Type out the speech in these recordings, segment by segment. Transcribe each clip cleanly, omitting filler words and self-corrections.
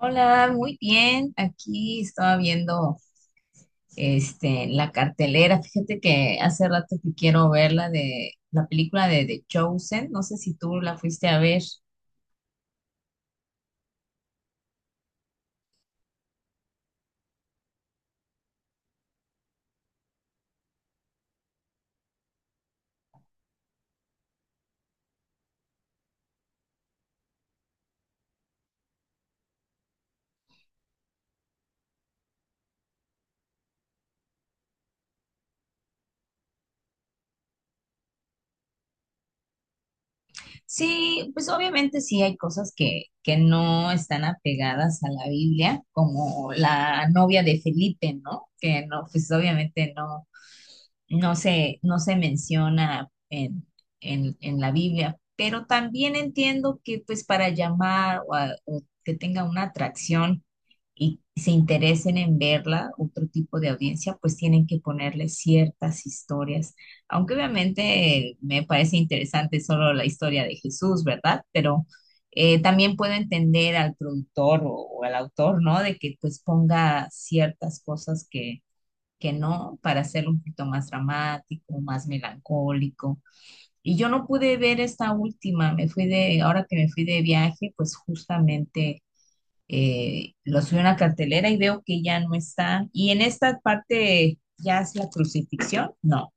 Hola, muy bien. Aquí estaba viendo la cartelera. Fíjate que hace rato que quiero ver la de la película de The Chosen. No sé si tú la fuiste a ver. Sí, pues obviamente sí hay cosas que no están apegadas a la Biblia, como la novia de Felipe, ¿no? Que no, pues obviamente no. No se menciona en la Biblia, pero también entiendo que pues para llamar o, o que tenga una atracción y se interesen en verla, otro tipo de audiencia, pues tienen que ponerle ciertas historias, aunque obviamente me parece interesante solo la historia de Jesús, ¿verdad? También puedo entender al productor o al autor, ¿no? De que pues ponga ciertas cosas que no, para hacerlo un poquito más dramático, más melancólico. Y yo no pude ver esta última, ahora que me fui de viaje, pues justamente lo subí a una cartelera y veo que ya no está. Y en esta parte, ¿ya es la crucifixión? No.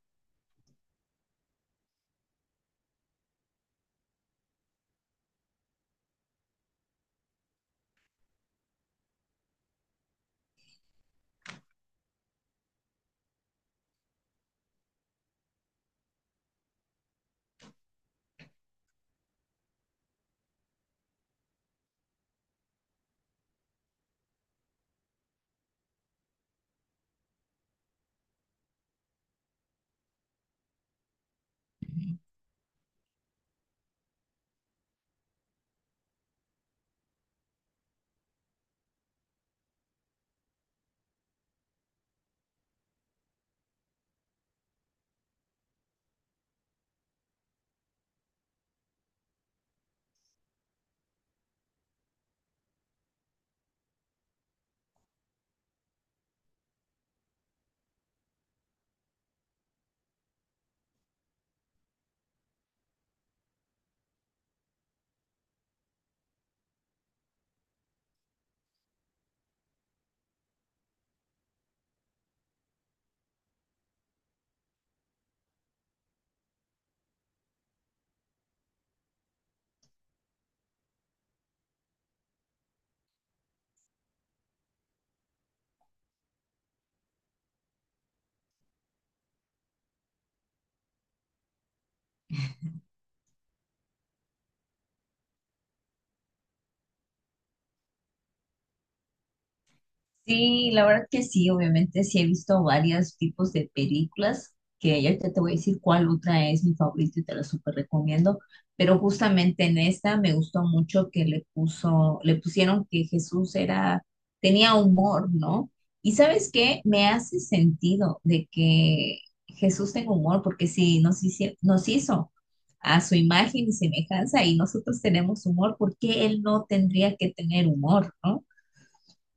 Sí, la verdad que sí, obviamente sí he visto varios tipos de películas, que ya ahorita te voy a decir cuál otra es mi favorita y te la súper recomiendo, pero justamente en esta me gustó mucho que le pusieron que Jesús tenía humor, ¿no? Y ¿sabes qué? Me hace sentido de que Jesús tenga humor, porque si nos hici- nos hizo a su imagen y semejanza y nosotros tenemos humor, ¿por qué él no tendría que tener humor, ¿no?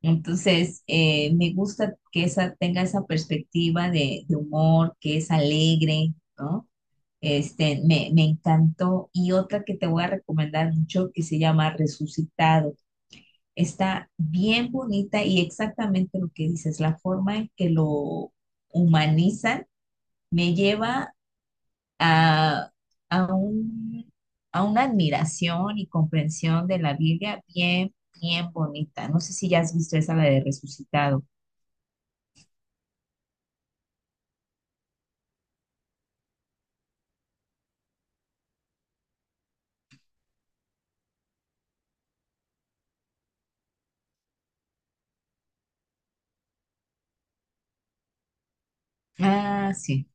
Entonces, me gusta que tenga esa perspectiva de humor, que es alegre, ¿no? Me encantó. Y otra que te voy a recomendar mucho que se llama Resucitado. Está bien bonita y exactamente lo que dices, la forma en que lo humanizan me lleva a, a un, a una admiración y comprensión de la Biblia bien, bien bonita. No sé si ya has visto esa, la de Resucitado. Ah, sí.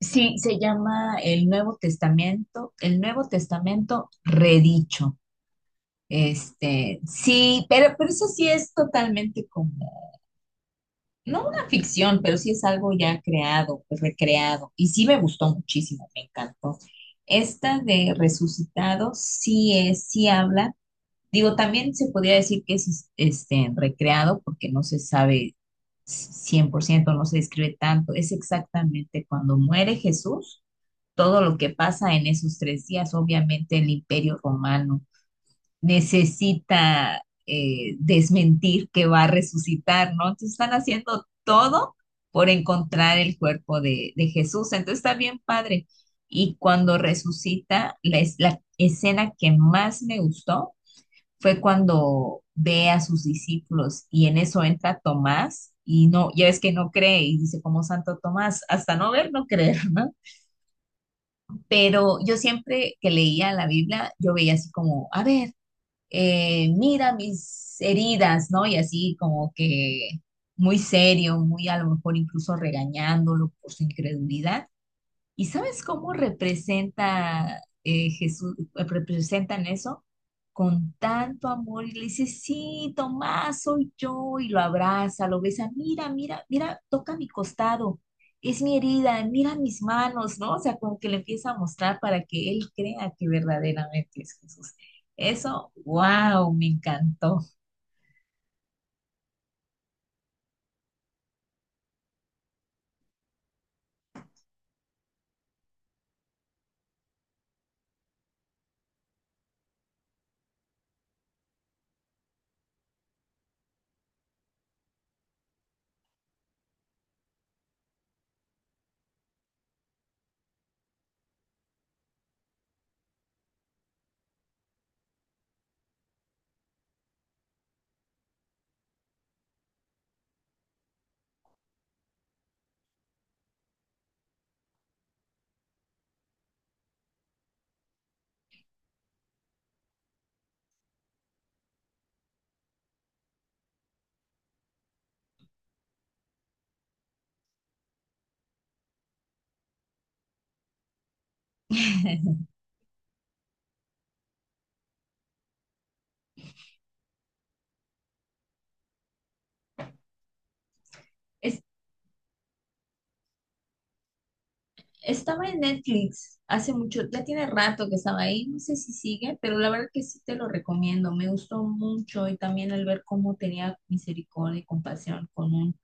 Sí, se llama el Nuevo Testamento redicho. Sí, pero eso sí es totalmente como, no una ficción, pero sí es algo ya creado, pues, recreado. Y sí me gustó muchísimo, me encantó. Esta de Resucitado sí es, sí habla. Digo, también se podría decir que es recreado porque no se sabe cien por ciento, no se describe tanto, es exactamente cuando muere Jesús, todo lo que pasa en esos tres días. Obviamente el imperio romano necesita desmentir que va a resucitar, ¿no? Entonces están haciendo todo por encontrar el cuerpo de Jesús, entonces está bien padre. Y cuando resucita, la escena que más me gustó fue cuando ve a sus discípulos y en eso entra Tomás y no, ya ves que no cree y dice como Santo Tomás, hasta no ver, no creer, ¿no? Pero yo siempre que leía la Biblia, yo veía así como, a ver, mira mis heridas, ¿no? Y así como que muy serio, muy a lo mejor incluso regañándolo por su incredulidad. ¿Y sabes cómo representa Jesús, representan eso? Con tanto amor y le dice, sí, Tomás, soy yo, y lo abraza, lo besa, mira, mira, mira, toca mi costado, es mi herida, mira mis manos, ¿no? O sea, como que le empieza a mostrar para que él crea que verdaderamente es Jesús. Eso, wow, me encantó. Estaba en Netflix hace mucho, ya tiene rato que estaba ahí, no sé si sigue, pero la verdad que sí te lo recomiendo, me gustó mucho y también al ver cómo tenía misericordia y compasión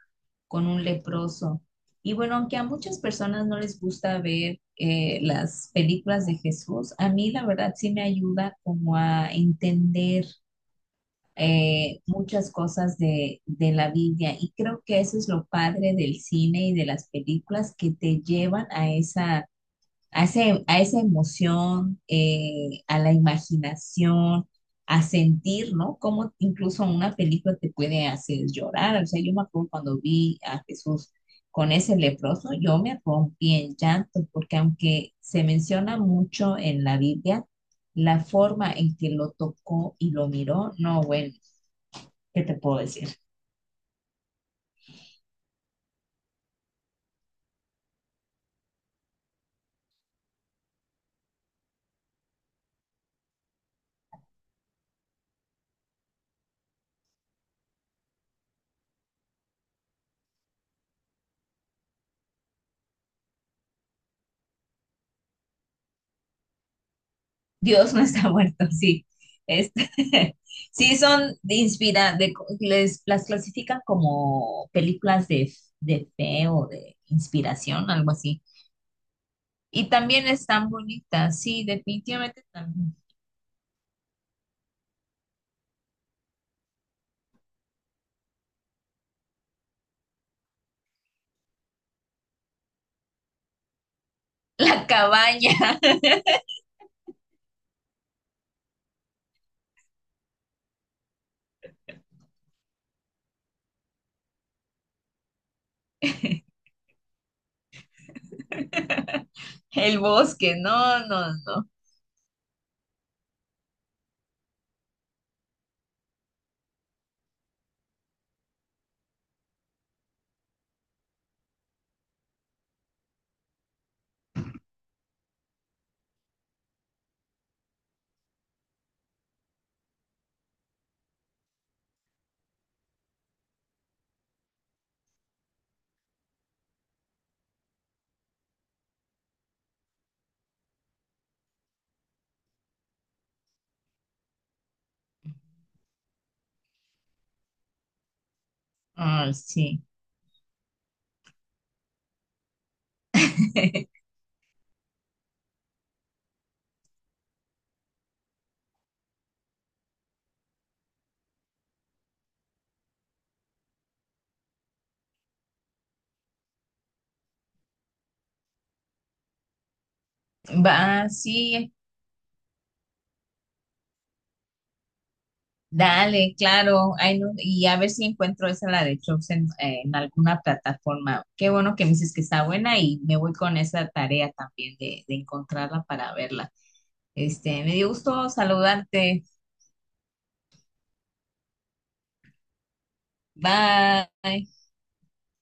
con un leproso. Y bueno, aunque a muchas personas no les gusta ver las películas de Jesús, a mí la verdad sí me ayuda como a entender muchas cosas de la Biblia y creo que eso es lo padre del cine y de las películas que te llevan a esa a, a esa emoción, a la imaginación, a sentir, ¿no? Cómo incluso una película te puede hacer llorar. O sea, yo me acuerdo cuando vi a Jesús con ese leproso, yo me rompí en llanto, porque aunque se menciona mucho en la Biblia, la forma en que lo tocó y lo miró, no, bueno, ¿qué te puedo decir? Dios no está muerto, sí. Este, sí, son de inspira, de, les, las clasifican como películas de fe o de inspiración, algo así. Y también están bonitas, sí, definitivamente también. La cabaña, el bosque, no, no, no. Ah, sí. Va, sí, dale, claro, ay, no, y a ver si encuentro esa, la de Chops en alguna plataforma. Qué bueno que me dices que está buena y me voy con esa tarea también de encontrarla para verla. Me dio gusto saludarte. Bye.